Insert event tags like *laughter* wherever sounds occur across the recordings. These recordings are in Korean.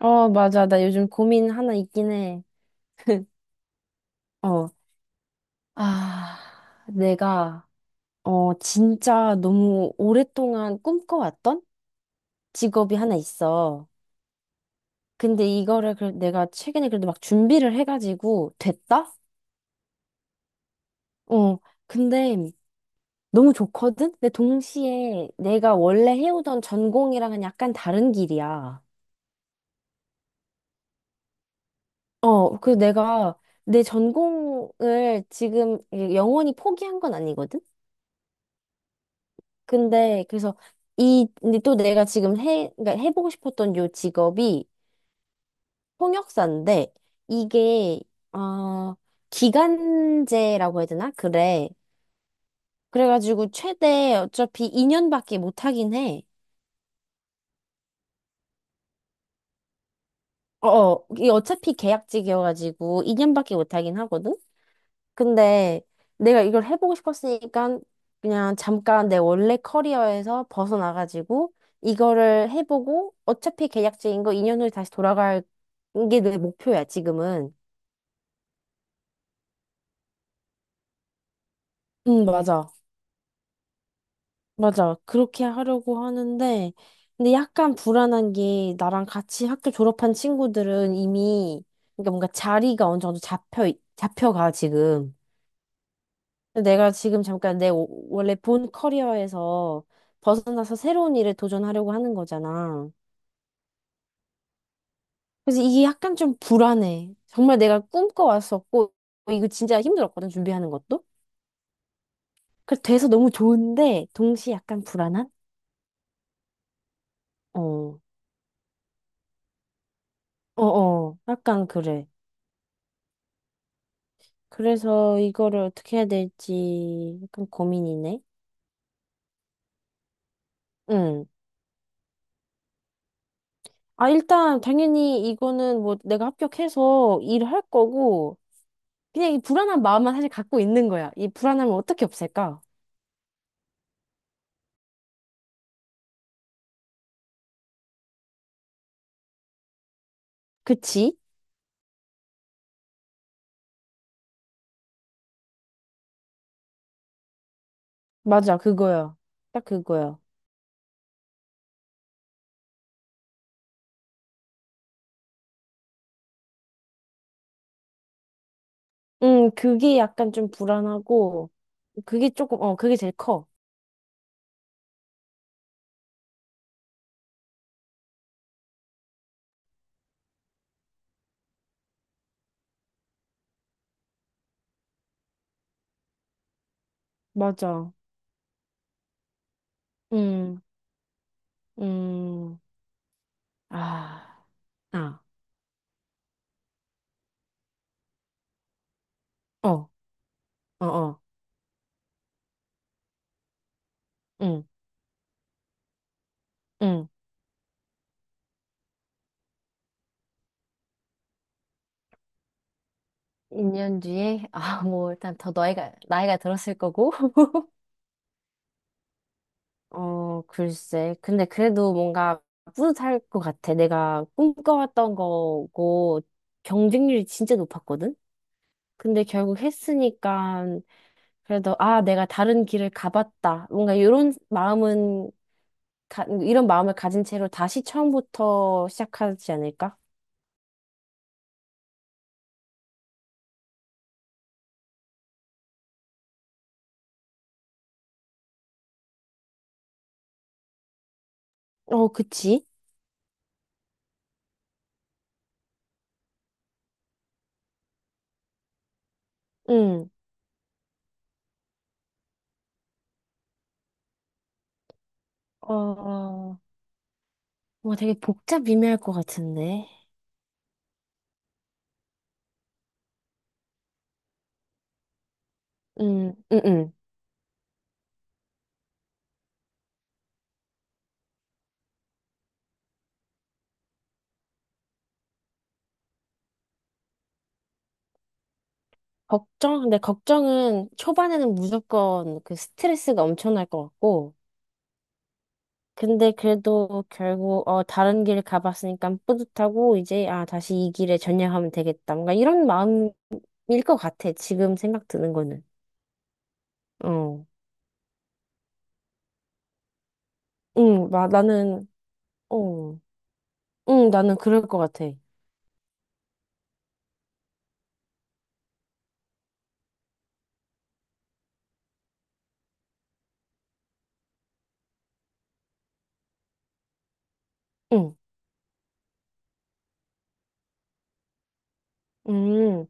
맞아. 나 요즘 고민 하나 있긴 해. *laughs* 어, 아, 내가, 진짜 너무 오랫동안 꿈꿔왔던 직업이 하나 있어. 근데 이거를 내가 최근에 그래도 막 준비를 해가지고 됐다? 어, 근데 너무 좋거든? 근데 동시에 내가 원래 해오던 전공이랑은 약간 다른 길이야. 내가 내 전공을 지금 영원히 포기한 건 아니거든? 근데 그래서 이 근데 또 내가 지금 해 그러니까 해보고 싶었던 요 직업이 통역사인데, 이게 어 기간제라고 해야 되나? 그래. 그래가지고 최대 어차피 2년밖에 못 하긴 해. 어, 어, 이게 어차피 계약직이어가지고 2년밖에 못 하긴 하거든. 근데 내가 이걸 해보고 싶었으니까 그냥 잠깐 내 원래 커리어에서 벗어나가지고 이거를 해보고, 어차피 계약직인 거 2년 후에 다시 돌아갈 게 내 목표야, 지금은. 응, 맞아. 맞아. 그렇게 하려고 하는데, 근데 약간 불안한 게 나랑 같이 학교 졸업한 친구들은 이미, 그러니까 뭔가 자리가 어느 정도 잡혀가, 지금. 근데 내가 지금 잠깐 내 원래 본 커리어에서 벗어나서 새로운 일에 도전하려고 하는 거잖아. 그래서 이게 약간 좀 불안해. 정말 내가 꿈꿔왔었고, 이거 진짜 힘들었거든, 준비하는 것도. 그래서 돼서 너무 좋은데, 동시에 약간 불안한? 어, 어, 어, 약간 그래. 그래서 이거를 어떻게 해야 될지 약간 고민이네. 응. 아, 일단 당연히 이거는 뭐 내가 합격해서 일할 거고, 그냥 이 불안한 마음만 사실 갖고 있는 거야. 이 불안함을 어떻게 없앨까? 그치? 맞아, 그거야. 딱 그거야. 그게 약간 좀 불안하고, 그게 조금, 그게 제일 커. 맞아. 음, 음, 아, 아, 어, 어, 어, 응, 응. 1년 뒤에, 아, 뭐, 일단 더 나이가, 들었을 거고. 어, 글쎄. 근데 그래도 뭔가 뿌듯할 것 같아. 내가 꿈꿔왔던 거고, 경쟁률이 진짜 높았거든? 근데 결국 했으니까, 그래도, 아, 내가 다른 길을 가봤다. 뭔가 이런 마음은, 이런 마음을 가진 채로 다시 처음부터 시작하지 않을까? 어, 그치? 응. 어, 뭐 되게 복잡 미묘할 것 같은데. 응, 응, 응. 근데 걱정은 초반에는 무조건 그 스트레스가 엄청날 것 같고, 근데 그래도 결국, 다른 길 가봤으니까 뿌듯하고, 이제, 다시 이 길에 전향하면 되겠다. 뭔가 이런 마음일 것 같아. 지금 생각 드는 거는. 어. 응, 나는, 어. 응, 나는 그럴 것 같아. 응, 응.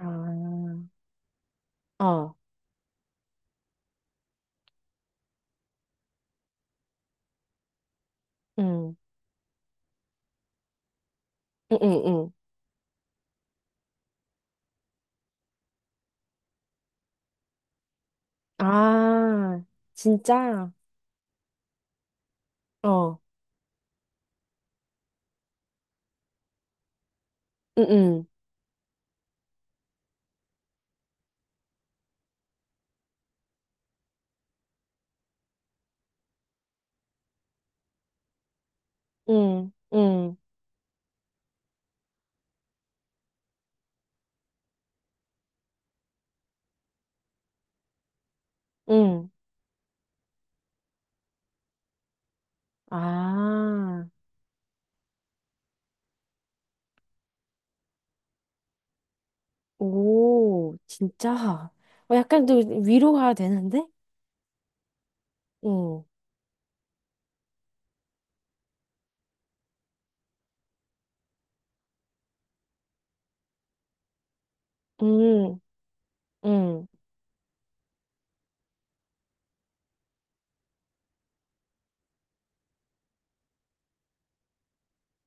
아, 어, 응, 응, 응, 응. 아, 진짜? 어, 응, 응, 응, 응, 응. 아, 오, 진짜. 어, 약간 또 위로가 되는데? 응, 응, 응,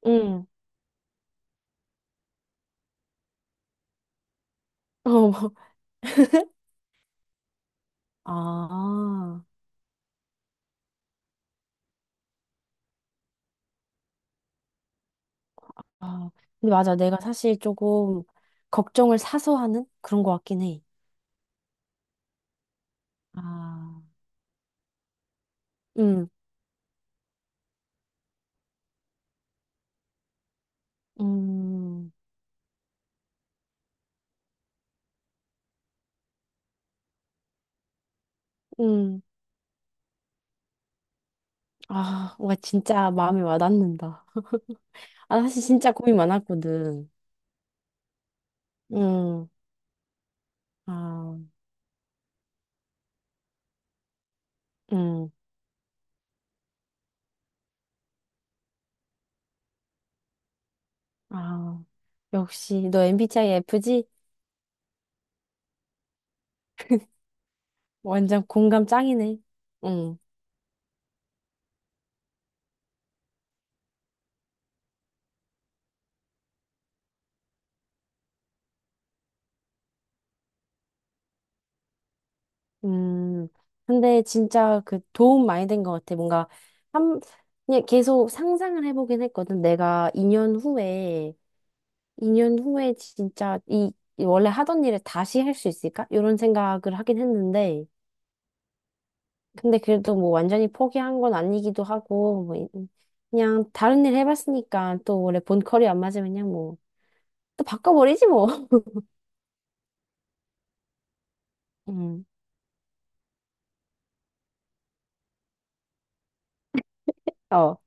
응. *laughs* 어, 뭐. 아, 아. 근데 맞아. 내가 사실 조금 걱정을 사서 하는 그런 것 같긴 해. 아, 응, 음, 응. 아, 와, 진짜 마음이 와닿는다. 아, 사실 진짜 고민 많았거든. 응, 아, 응, 아. 역시, 너 MBTI F지? 완전 공감 짱이네. 응. 음. 근데 진짜 그 도움 많이 된 것 같아. 뭔가 한 그냥 계속 상상을 해보긴 했거든. 내가 2년 후에 진짜 이이 원래 하던 일을 다시 할 수 있을까? 이런 생각을 하긴 했는데, 근데 그래도 뭐 완전히 포기한 건 아니기도 하고, 뭐 그냥 다른 일 해봤으니까 또 원래 본 컬이 안 맞으면 그냥 뭐 또 바꿔버리지 뭐. *laughs* 음. 어.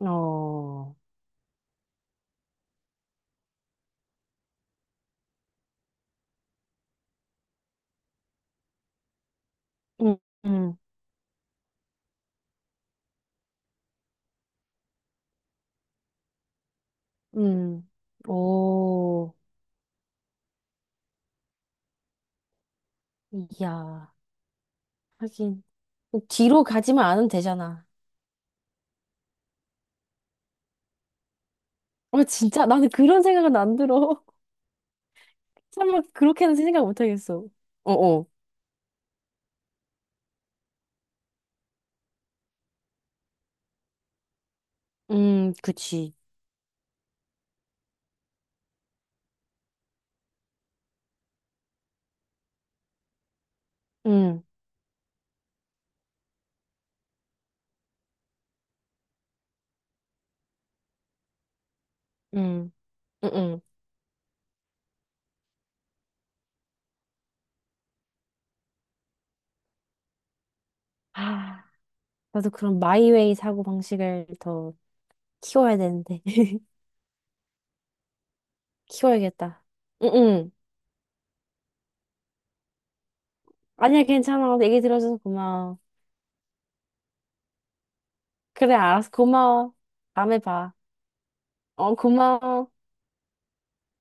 어. 음. 음. 음, 오, 이야, 하긴. 뒤로 가지만 않으면 되잖아. 아, 진짜? 나는 그런 생각은 안 들어. *laughs* 설마 그렇게는 생각 못 하겠어. 어어. 그치. 음, 음, 음, 음. 아, 나도 그런 마이웨이 사고 방식을 더 키워야 되는데. *laughs* 키워야겠다. 응, 응. 아니야, 괜찮아. 얘기 들어줘서 고마워. 그래, 알았어. 고마워. 다음에 봐. 어, 고마워.